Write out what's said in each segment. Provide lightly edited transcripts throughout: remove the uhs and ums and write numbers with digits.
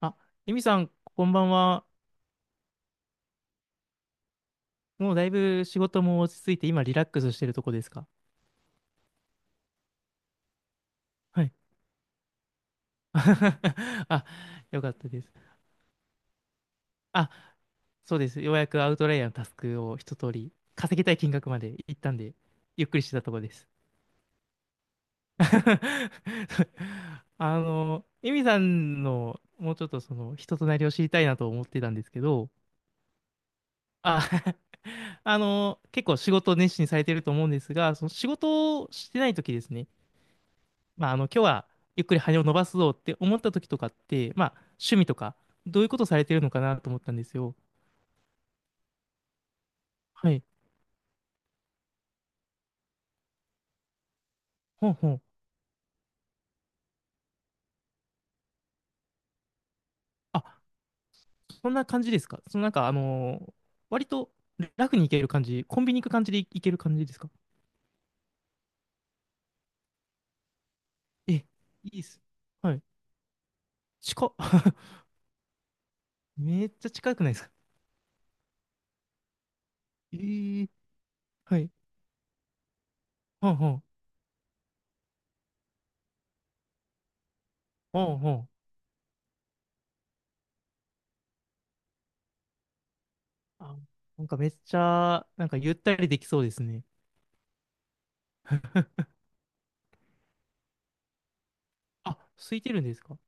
あ、エミさん、こんばんは。もうだいぶ仕事も落ち着いて、今リラックスしてるとこですか？はい。あ、よかったです。あ、そうです。ようやくアウトライヤーのタスクを一通り、稼ぎたい金額まで行ったんで、ゆっくりしてたとこです。あの、エミさんの、もうちょっと人となりを知りたいなと思ってたんですけど、あ、あの、結構仕事を熱心にされてると思うんですが、その仕事をしてない時ですね。まあ、あの、今日はゆっくり羽を伸ばすぞって思った時とかって、まあ、趣味とか、どういうことされてるのかなと思ったんですよ。はい。ほんほん。あ、そんな感じですか？そのなんか、割と楽に行ける感じ、コンビニ行く感じで行ける感じですか？え、いいっす。はい。近っ。めっちゃ近くないですか？えー、はい。ほんほん。ほんほん。あ、なんかめっちゃ、なんかゆったりできそうですね。あ、空いてるんですか？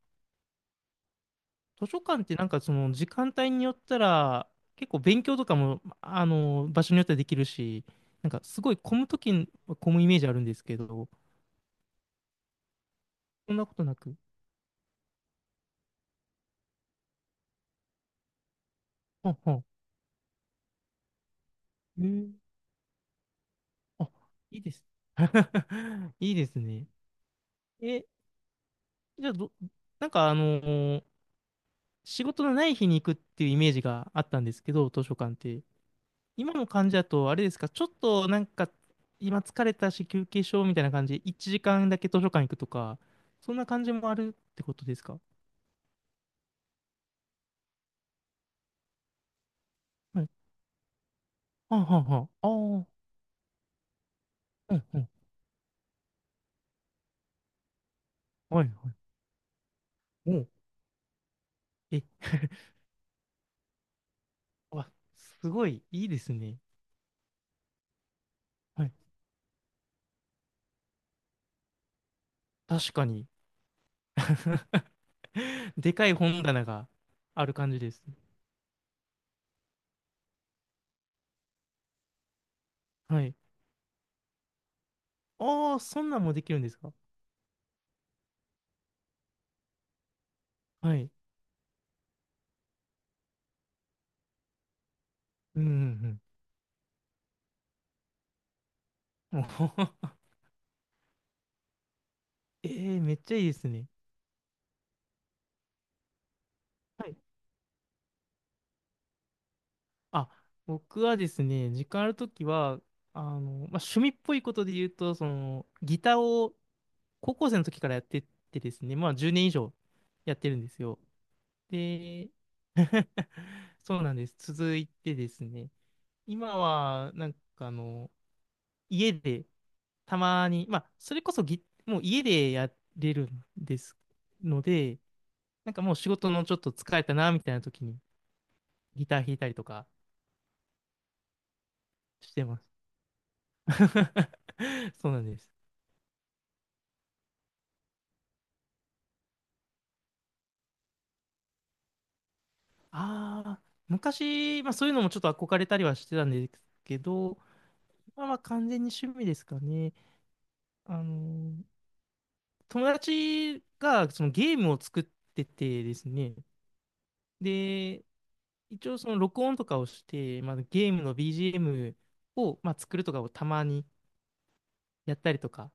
図書館ってなんかその時間帯によったら結構勉強とかもあの場所によってはできるし、なんかすごい混む時に混むイメージあるんですけど、そんなことなく、はんはん、えー、あ、いいです。 いいですね。え、じゃあ、ど、なんかあの、仕事のない日に行くっていうイメージがあったんですけど、図書館って今の感じだと、あれですか、ちょっとなんか、今疲れたし休憩しようみたいな感じで、1時間だけ図書館行くとか、そんな感じもあるってことですか？はい。はあはあはあ。ああ、うんうん。はいはい。おう、え、わ、すごい、いいですね。はい。確かに。でかい本棚がある感じです。はい。ああ、そんなんもできるんですか？はい。うんうんうん。おほほ、えー、めっちゃいいですね。はい、あ、僕はですね、時間あるときは、まあ、趣味っぽいことで言うと、その、ギターを高校生の時からやってってですね、まあ、10年以上やってるんですよ。で、そうなんです。続いてですね、今は、なんかあの、家で、たまに、まあ、それこそもう家でやれるんですので、なんかもう仕事のちょっと疲れたな、みたいな時にギター弾いたりとかしてます。そうなんです。ああ、昔、まあそういうのもちょっと憧れたりはしてたんですけど、まあまあ完全に趣味ですかね。あの、友達がそのゲームを作っててですね、で、一応その録音とかをして、まあ、ゲームの BGM を、まあ、作るとかをたまにやったりとか、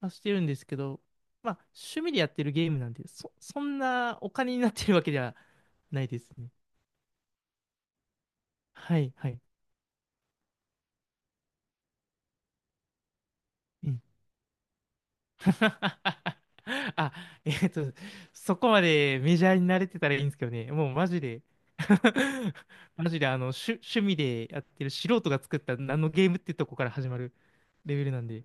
まあしてるんですけど、まあ趣味でやってるゲームなんで、そんなお金になってるわけではないですね。はい、はい。あ、えっと、そこまでメジャーに慣れてたらいいんですけどね、もうマジで。 マジであの趣味でやってる素人が作った何のゲームってとこから始まるレベルなんで、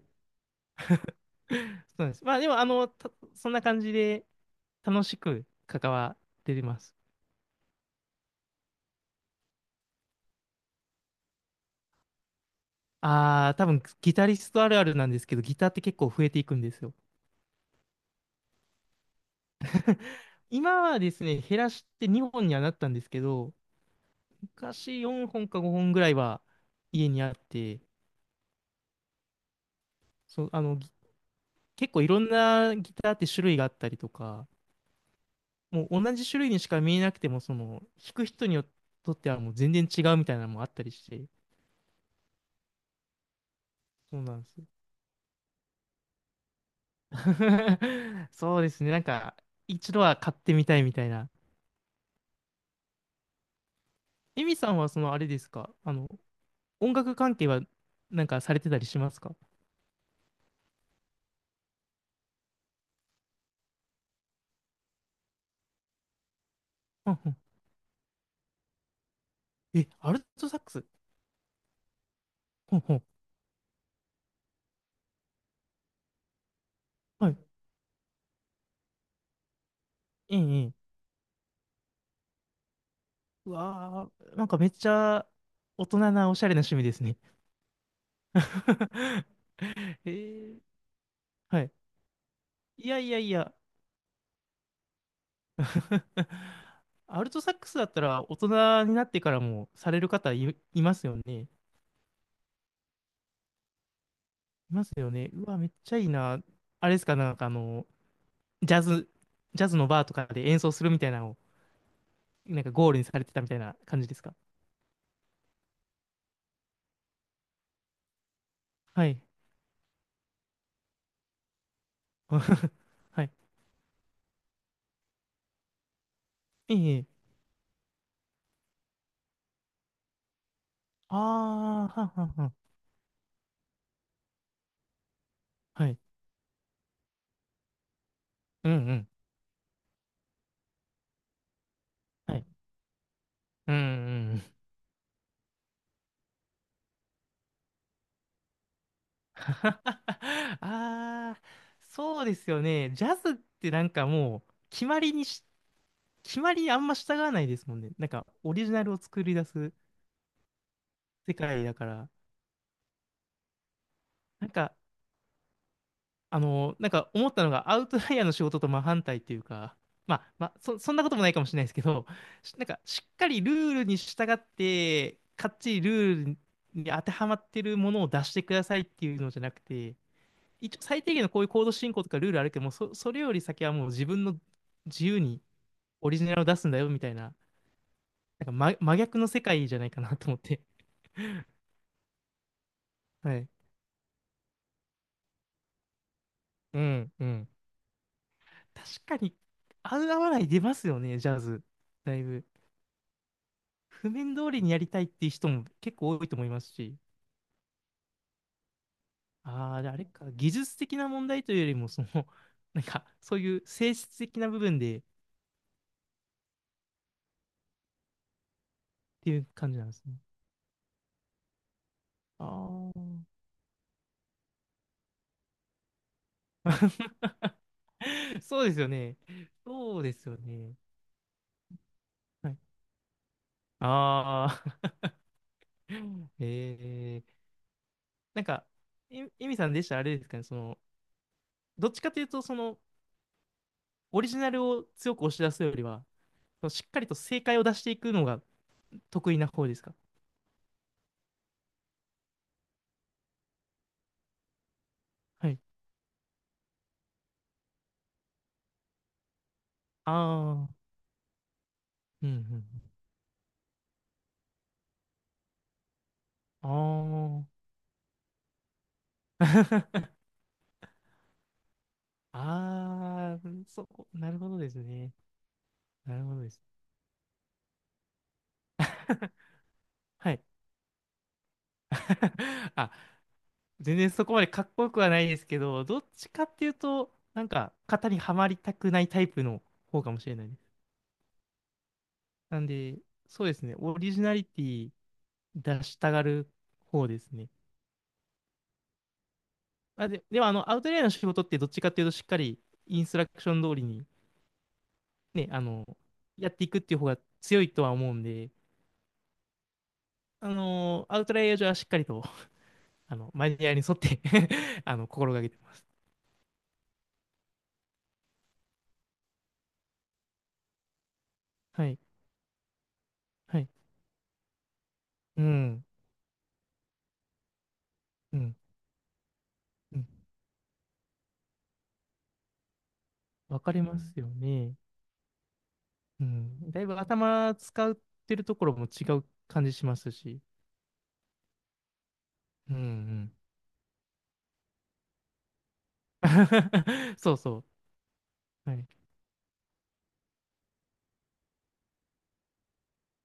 そうなんです。まあでも、あの、た、そんな感じで楽しく関わってます。ああ、多分ギタリストあるあるなんですけど、ギターって結構増えていくんですよ。今はですね、減らして2本にはなったんですけど、昔4本か5本ぐらいは家にあって、そう、結構いろんなギターって種類があったりとか、もう同じ種類にしか見えなくても、その、弾く人によっとってはもう全然違うみたいなのもあったりして、そうなんですよ。そうですね、なんか、一度は買ってみたいみたいな。エミさんは、その、あれですか、あの、音楽関係は、なんかされてたりしますか？うんうん、え、アルトサックス？ほんほん。はい。ええ、ええ。うわー、なんかめっちゃ大人なおしゃれな趣味ですね。えー、はい。いやいやいや。アルトサックスだったら大人になってからもされる方いますよね。いますよね。うわ、めっちゃいいな。あれですか、なんかあの、ジャズ、ジャズのバーとかで演奏するみたいなのを、なんかゴールにされてたみたいな感じですか。はい。はい。ええ。ああ、はんはんはん。はい。うんうん。はい。うんうん。ああ、そうですよね。ジャズってなんかもう、決まりあんま従わないですもんね。なんか、オリジナルを作り出す世界だから、なんか、あの、なんか思ったのが、アウトライヤーの仕事と真反対っていうか、まあ、まあ、そんなこともないかもしれないですけど、し、なんか、しっかりルールに従って、かっちりルールに当てはまってるものを出してくださいっていうのじゃなくて、一応最低限のこういうコード進行とかルールあるけども、それより先はもう自分の自由にオリジナルを出すんだよみたいな、なんか真逆の世界じゃないかなと思って。はい。うんうん。確かに、合う合わない出ますよね、ジャズ。だいぶ。譜面通りにやりたいっていう人も結構多いと思いますし。ああ、であれか、技術的な問題というよりも、その、なんか、そういう性質的な部分でっていう感じなんですね。ああ。そうですよね。そうですよね。はい、ああ。えー、なんか、え、エミさんでしたらあれですかね、その、どっちかというと、その、オリジナルを強く押し出すよりは、しっかりと正解を出していくのが得意な方ですか？はい。ああ、うんうん。ああ。ああ、そこ、なるほどですね。なるほどです。はい。あ、全然そこまでかっこよくはないですけど、どっちかっていうと、なんか、型にはまりたくないタイプの方かもしれないです。なんで、そうですね、オリジナリティ出したがる方ですね。あ、で、でもあの、アウトレイヤーの仕事ってどっちかっていうと、しっかりインストラクション通りに、ね、あの、やっていくっていう方が強いとは思うんで、あの、アウトレイヤー上はしっかりと、あの、マニュアルに沿って、 あの、心がけてます。はい、はい。うん、うん、うん。わかりますよね。うん。だいぶ頭使ってるところも違う感じしますし。うん、うん。そうそう。はい。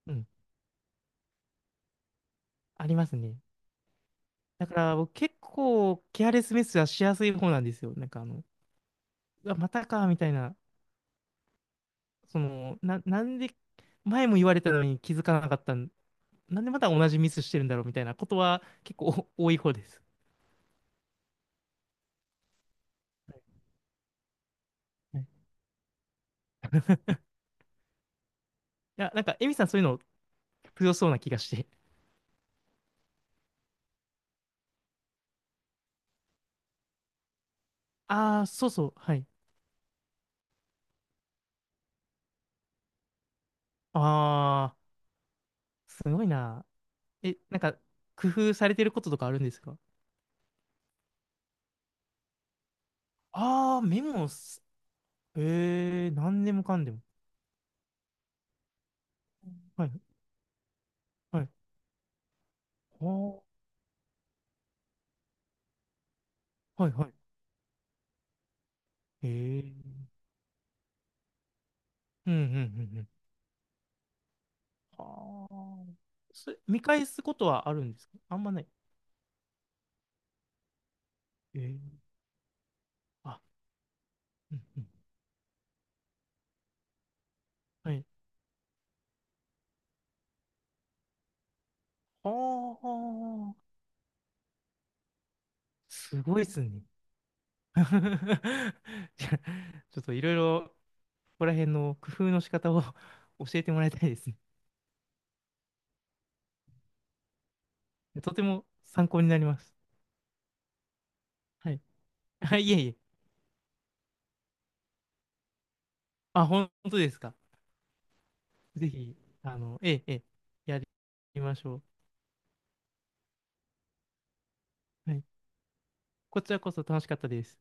うん。ありますね。だから僕結構ケアレスミスはしやすい方なんですよ。なんかあの、わ、またか、みたいな、その、なんで、前も言われたのに気づかなかったん、なんでまた同じミスしてるんだろう、みたいなことは結構お多い方です。はいはい、いや、なんか、エミさんそういうの強そうな気がして。ああ、そうそう、はい。ああ、すごいな。え、なんか、工夫されてることとかあるんですか？ああー、メモす、ええ、何でもかんでも。はい、はい。あー、はい、はい。ええ、うん、うん、うん、はあ、それ、見返すことはあるんですか？あんまない。えー、あ、うんうん。はい。はあ、すごいですね。じゃあちょっといろいろ、ここら辺の工夫の仕方を 教えてもらいたいですね。とても参考になります。はい。はい、いえいえ。あ、本当ですか。ぜひ、あの、ええ、ええ、やりましょう。はい。こちらこそ楽しかったです。